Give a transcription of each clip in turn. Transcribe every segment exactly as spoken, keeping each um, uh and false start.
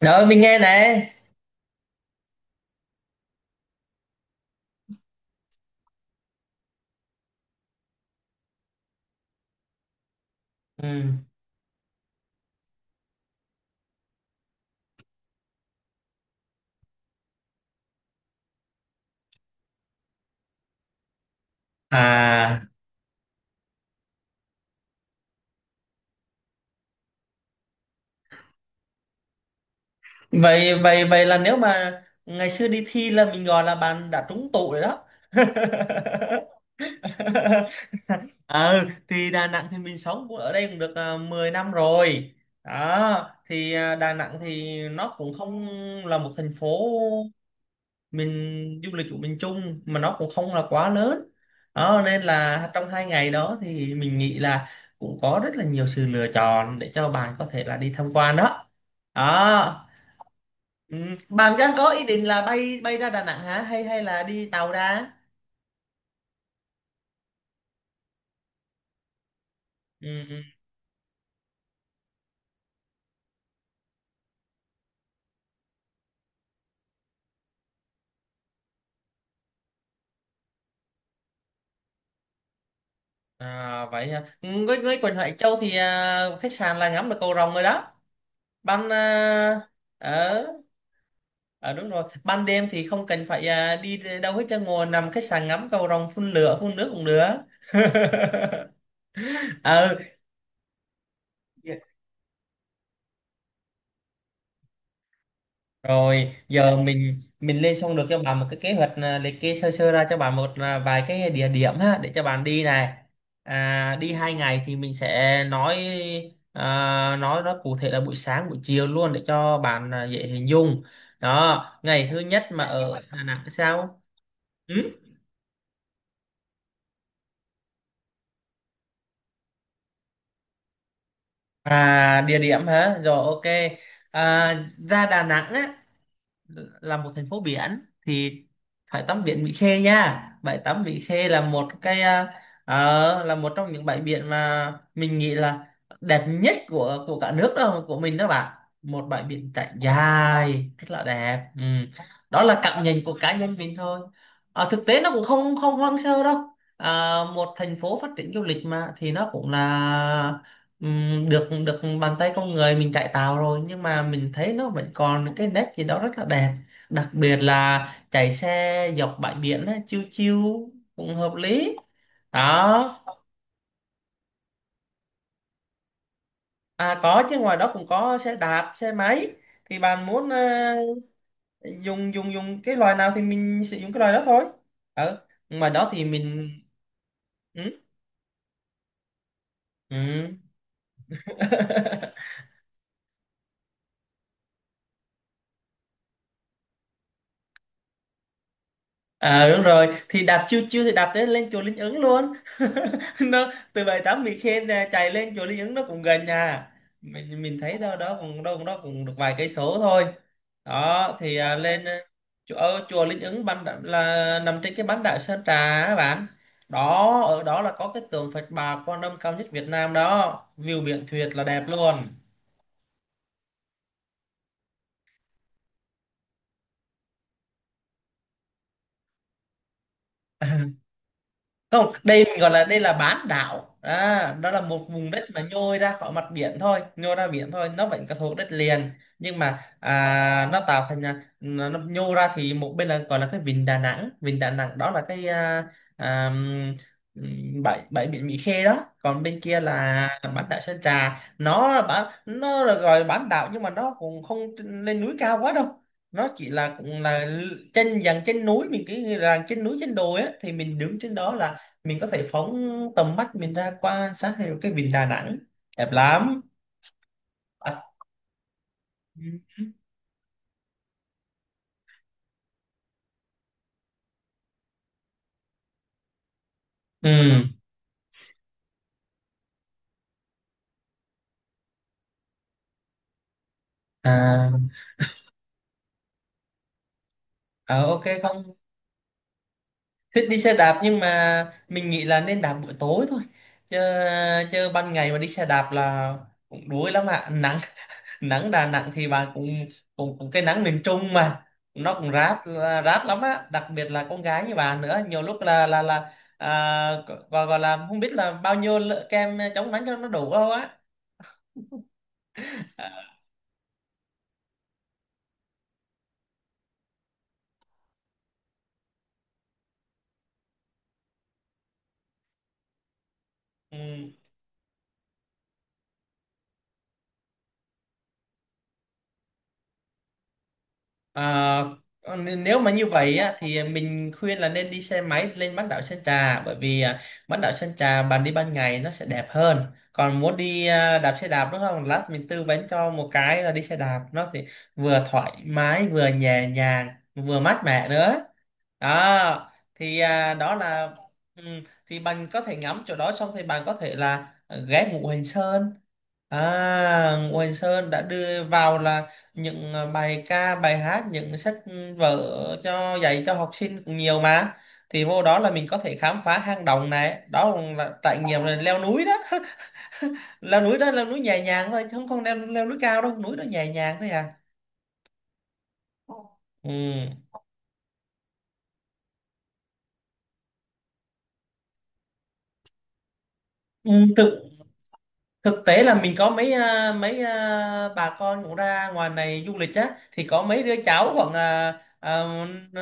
Rồi mình nghe này. Ừ. À, vậy vậy vậy là nếu mà ngày xưa đi thi là mình gọi là bạn đã trúng tụ rồi đó. Ờ thì Đà Nẵng thì mình sống cũng ở đây cũng được à, mười năm rồi. Đó, thì à, Đà Nẵng thì nó cũng không là một thành phố mình du lịch của miền Trung mà nó cũng không là quá lớn đó, nên là trong hai ngày đó thì mình nghĩ là cũng có rất là nhiều sự lựa chọn để cho bạn có thể là đi tham quan đó. Đó, ừ. Bạn đang có ý định là bay bay ra Đà Nẵng hả, hay hay là đi tàu ra? Ừ. Ừ. À, vậy hả? Ừ, với với quần Hải Châu thì à, khách sạn là ngắm được cầu rồng rồi đó bạn, à, ở. À, đúng rồi, ban đêm thì không cần phải à, đi đâu hết, cho ngồi nằm khách sạn ngắm cầu rồng phun lửa phun nước cũng được. Ờ rồi, giờ mình mình lên xong được cho bạn một cái kế hoạch, à, liệt kê sơ sơ ra cho bạn một à, vài cái địa điểm ha, để cho bạn đi này. À, đi hai ngày thì mình sẽ nói, à, nói nó cụ thể là buổi sáng buổi chiều luôn để cho bạn à, dễ hình dung. Đó, ngày thứ nhất mà ở Đà Nẵng sao. Ừ? À, địa điểm hả? Rồi, ok. À, ra Đà Nẵng á, là một thành phố biển thì phải tắm biển Mỹ Khê nha. Bãi tắm Mỹ Khê là một cái à, ờ, là một trong những bãi biển mà mình nghĩ là đẹp nhất của của cả nước đó, của mình đó bạn. Một bãi biển trải dài rất là đẹp. Ừ. Đó là cảm nhận của cá nhân mình thôi. Ờ, thực tế nó cũng không không hoang sơ đâu. À, một thành phố phát triển du lịch mà, thì nó cũng là, ừm, được được bàn tay con người mình chạy tàu rồi, nhưng mà mình thấy nó vẫn còn cái nét gì đó rất là đẹp, đặc biệt là chạy xe dọc bãi biển á, chiêu chiêu cũng hợp lý đó. À có chứ, ngoài đó cũng có xe đạp xe máy, thì bạn muốn ờ, dùng dùng dùng cái loại nào thì mình sử dụng cái loại đó thôi. Ờ ngoài đó thì mình, ừ, ừ. À đúng rồi, thì đạp chiêu chiêu thì đạp tới lên chùa Linh Ứng luôn. Nó từ bãi tắm Mỹ Khê ra chạy lên chùa Linh Ứng nó cũng gần nhà. Mình mình thấy đâu đó cũng đâu đó cũng được vài cây số thôi. Đó thì à, lên à, chùa ở chùa Linh Ứng bán đảo- là nằm trên cái bán đảo Sơn Trà á bạn. Đó, ở đó là có cái tượng Phật Bà Quan Âm cao nhất Việt Nam đó. View biển tuyệt là đẹp luôn. Không, đây mình gọi là đây là bán đảo à, đó là một vùng đất mà nhô ra khỏi mặt biển thôi, nhô ra biển thôi, nó vẫn có thuộc đất liền, nhưng mà à, nó tạo thành là- nó, nó nhô ra thì một bên là gọi là cái vịnh Đà Nẵng, vịnh Đà Nẵng đó là cái à, à, ừm, bãi bãi biển Mỹ Khê đó, còn bên kia là bán đảo Sơn Trà. Nó là bán, nó là gọi là bán đảo nhưng mà nó cũng không lên núi cao quá đâu, nó chỉ là cũng là trên dàn trên núi, mình cứ như là trên núi trên đồi á, thì mình đứng trên đó là mình có thể phóng tầm mắt mình ra quan sát thấy cái vịnh Đà Nẵng đẹp lắm. À, ừ, à, à ok. Không thích đi xe đạp, nhưng mà mình nghĩ là nên đạp buổi tối thôi, chứ chứ ban ngày mà đi xe đạp là cũng đuối lắm ạ, nắng. Nắng Đà Nẵng thì bạn cũng cũng, cũng cái nắng miền Trung mà, nó cũng rát, rát lắm á, đặc biệt là con gái như bạn nữa, nhiều lúc là là là à, gọi, gọi là không biết là bao nhiêu lợ- kem chống nắng cho nó đủ không á. Ừ. Ờ, nếu mà như vậy á, thì mình khuyên là nên đi xe máy lên bán đảo Sơn Trà, bởi vì à, bán đảo Sơn Trà bạn đi ban ngày nó sẽ đẹp hơn. Còn muốn đi à, đạp xe đạp đúng không, lát mình tư vấn cho một cái là đi xe đạp nó thì vừa thoải mái vừa nhẹ nhàng, vừa mát mẻ nữa. Đó thì à, đó là, ừ, thì bạn có thể ngắm chỗ đó xong thì bạn có thể là à, ghé Ngũ Hành Sơn. À, Nguyễn Sơn đã đưa vào là những ờ, bài ca, bài hát, những sách vở cho dạy cho học sinh cũng nhiều mà. Thì vô đó là mình có thể khám phá hang động này, đó cũng là trải nghiệm là leo núi đó. Leo núi đó, leo núi nhẹ nhàng thôi, chứ không không leo leo núi cao đâu, núi đó nhẹ nhàng thôi à. Ừ. Ừ, tự thực tế là mình có mấy à, mấy à, bà con cũng ra ngoài này du lịch á, thì có mấy đứa cháu khoảng uh,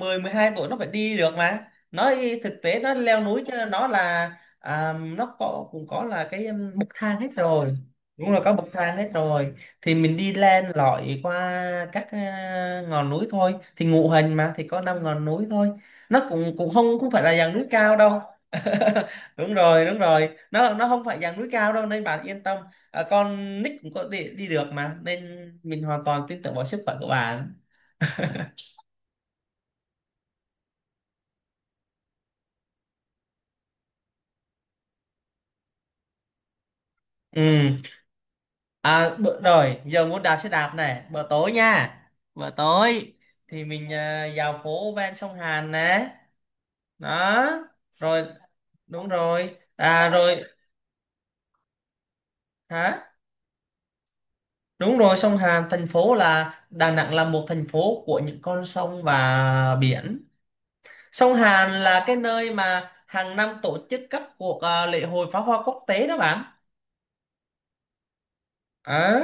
mười 10 12 tuổi nó phải đi được mà, nó y- thực tế nó leo núi, cho nên nó là à, nó có cũng có là cái um, bậc thang hết rồi, đúng là có bậc thang hết rồi. Thì mình đi lên lọi qua các à, ngọn núi thôi, thì ngụ hình mà thì có năm ngọn núi thôi, nó cũng cũng không cũng phải là dạng núi cao đâu. Đúng rồi đúng rồi, nó nó không phải dạng núi cao đâu nên bạn yên tâm. À, con nick cũng có đi, đi được mà, nên mình hoàn toàn tin tưởng vào sức khỏe của bạn. Ừ. À bữa, rồi giờ muốn đạp xe đạp này bữa tối nha. Bữa tối thì mình à, vào phố ven sông Hàn nè. Đó rồi, đúng rồi, à rồi. Hả? Đúng rồi, sông Hàn, thành phố là Đà Nẵng là một thành phố của những con sông và biển. Sông Hàn là cái nơi mà hàng năm tổ chức các cuộc à, lễ hội pháo hoa quốc tế đó bạn. Ờ.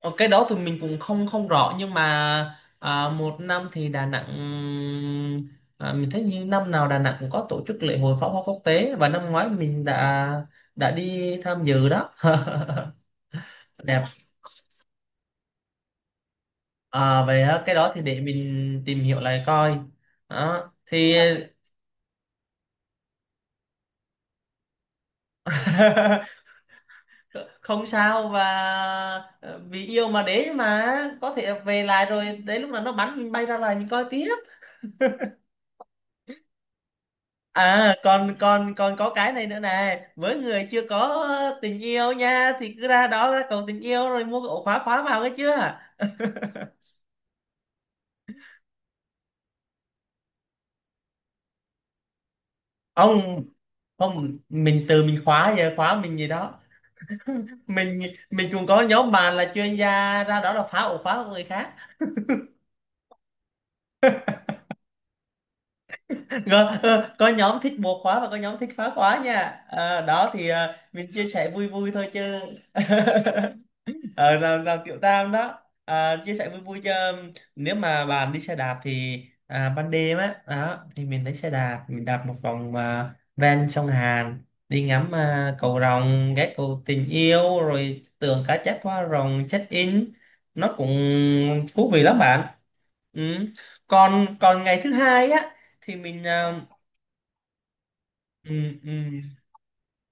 Ờ, cái đó thì mình cũng không không rõ, nhưng mà à, một năm thì Đà Nẵng, à, mình thấy như năm nào Đà Nẵng cũng có tổ chức lễ hội pháo hoa quốc tế, và năm ngoái mình đã đã đi tham dự đó. Đẹp. À, vậy á, cái đó thì để mình tìm hiểu lại coi. Đó. Thì không sao, và ờ, vì yêu mà, để mà có thể về lại rồi đến lúc nào nó bắn mình bay ra lại mình coi tiếp. À còn còn còn có cái này nữa này, với người chưa có tình yêu nha, thì cứ ra đó ra cầu tình yêu rồi mua cái ổ khóa khóa vào. Cái chưa ông, không, mình từ mình khóa, về khóa mình gì đó. mình mình cũng có nhóm bạn là chuyên gia ra đó là phá ổ khóa của người khác. Có, ờ, có nhóm thích bộ khóa và có nhóm thích phá khóa nha. À, đó thì à, mình chia sẻ vui vui thôi chứ. À, là, là kiểu tam đó, à, chia sẻ vui vui chứ. Nếu mà bạn đi xe đạp thì à, ban đêm á đó thì mình lấy xe đạp mình đạp một vòng à, ven sông Hàn, đi ngắm à, cầu rồng, ghé cầu tình yêu rồi tượng cá chép hoa rồng check in, nó cũng thú vị lắm bạn. Ừ. còn còn ngày thứ hai á thì mình à, ừ, ừ,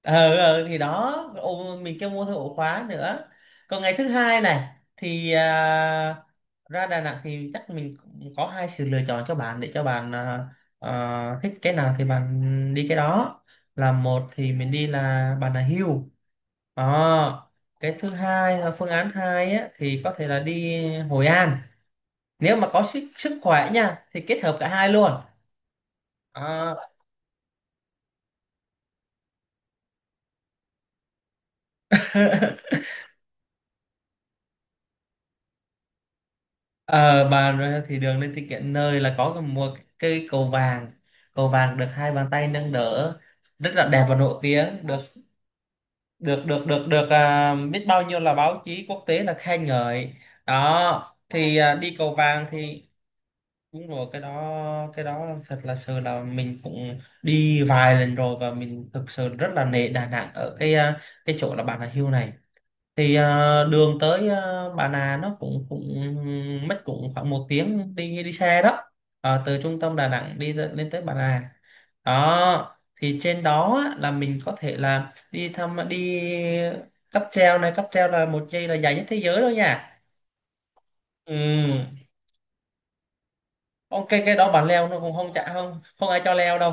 ờ, ờ, thì đó ổ, mình kêu mua thêm ổ khóa nữa. Còn ngày thứ hai này thì à, ra Đà Nẵng thì chắc mình cũng có hai sự lựa chọn cho bạn, để cho bạn à, à, thích cái nào thì bạn đi cái đó. Là một thì mình đi là Bà Nà Hills. Đó. Cái thứ hai là phương án hai á, thì có thể là đi Hội An. Nếu mà có sức sức khỏe nha thì kết hợp cả hai luôn. À, ờ, bà, thì đường lên thì kiện nơi là có một cây cầu vàng, cầu vàng được hai bàn tay nâng đỡ rất là đẹp và nổi tiếng, được được được được được à, biết bao nhiêu là báo chí quốc tế là khen ngợi. Đó thì à, đi cầu vàng thì đúng rồi, cái đó, cái đó thật là sự là mình cũng đi vài lần rồi, và mình thực sự rất là nể Đà Nẵng ở cái à, cái chỗ là Bà Nà Hills này, thì à, đường tới à, Bà Nà nó cũng cũng mất cũng khoảng một tiếng đi đi xe đó. Ờ, từ trung tâm Đà Nẵng đi lên lên tới Bà Nà. Đó thì trên đó á, là mình có thể là đi thăm đi cáp treo này, cáp treo là một dây là dài nhất thế giới đâu nha. Ừ. Ok cái đó bạn leo, nó cũng không chả không không ai cho leo đâu.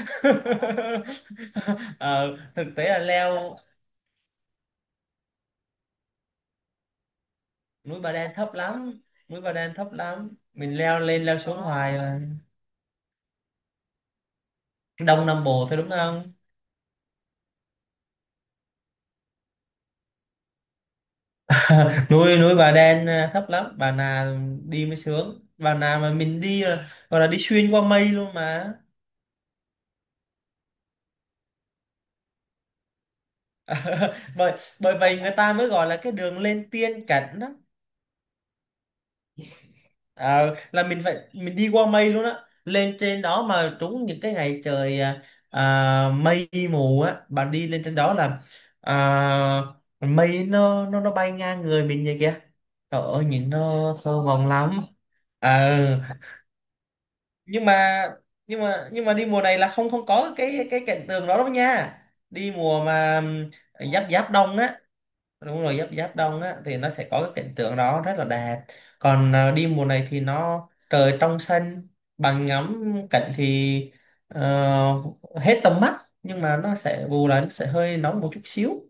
Ờ, thực tế là leo, núi Bà Đen thấp lắm, núi Bà Đen thấp lắm mình leo lên leo xuống hoài à. Đông Nam Bộ thôi đúng không. Núi núi Bà Đen à, thấp lắm. Bà Nà đi mới sướng, Bà Nà mà mình đi là, gọi là đi xuyên qua mây luôn mà. bởi bởi vậy người ta mới gọi là cái đường lên tiên cảnh đó. Ờ, là mình phải mình đi qua mây luôn á. Lên trên đó mà trúng những cái ngày trời à, à, mây mù á, bạn đi lên trên đó là à, mây nó nó nó bay ngang người mình vậy kìa, trời ơi nhìn nó sâu vòng lắm. Ờ, nhưng mà nhưng mà nhưng mà đi mùa này là không không có cái cái cạnh tường đó đâu nha. Đi mùa mà ừm, giáp giáp đông á. Đúng rồi giáp giáp đông á thì nó sẽ có cái cảnh tượng đó rất là đẹp. Còn à, đi mùa này thì nó trời trong xanh, bằng ngắm cảnh thì ờ, hết tầm mắt, nhưng mà nó sẽ bù lại nó sẽ hơi nóng một chút xíu.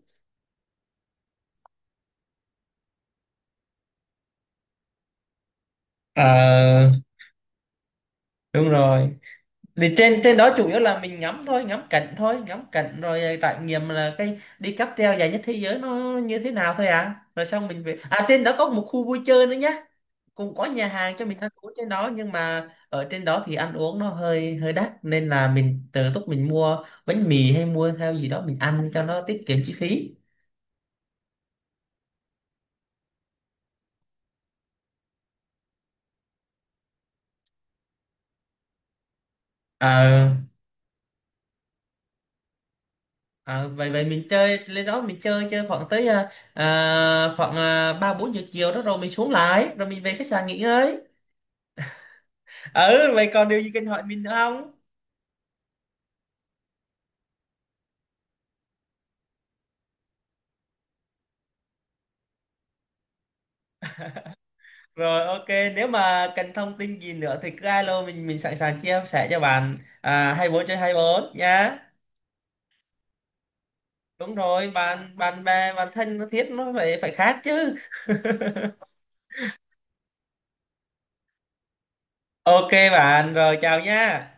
Ờ đúng rồi. Thì trên trên đó chủ yếu là mình ngắm thôi, ngắm cảnh thôi, ngắm cảnh rồi à, trải nghiệm là cái đi cáp treo dài nhất thế giới nó như thế nào thôi, à rồi xong mình về. À trên đó có một khu vui chơi nữa nhé, cũng có nhà hàng cho mình ăn uống trên đó, nhưng mà ở trên đó thì ăn uống nó hơi hơi đắt, nên là mình tự túc mình mua bánh mì hay mua theo gì đó mình ăn cho nó tiết kiệm chi phí. Ờ ờ, vậy vậy mình chơi lên đó mình chơi chơi khoảng tới à, à, khoảng à, ba bốn giờ chiều đó, rồi mình xuống lại rồi mình về khách sạn nghỉ ngơi. Ừ vậy còn điều gì cần hỏi mình nữa không? Rồi ok, nếu mà cần thông tin gì nữa thì cứ alo mình mình sẵn sàng chia sẻ cho bạn à, hai tư trên hai tư nhá. Đúng rồi, bạn bạn bè bạn thân nó thiết nó phải phải khác chứ. Ok bạn, rồi chào nha.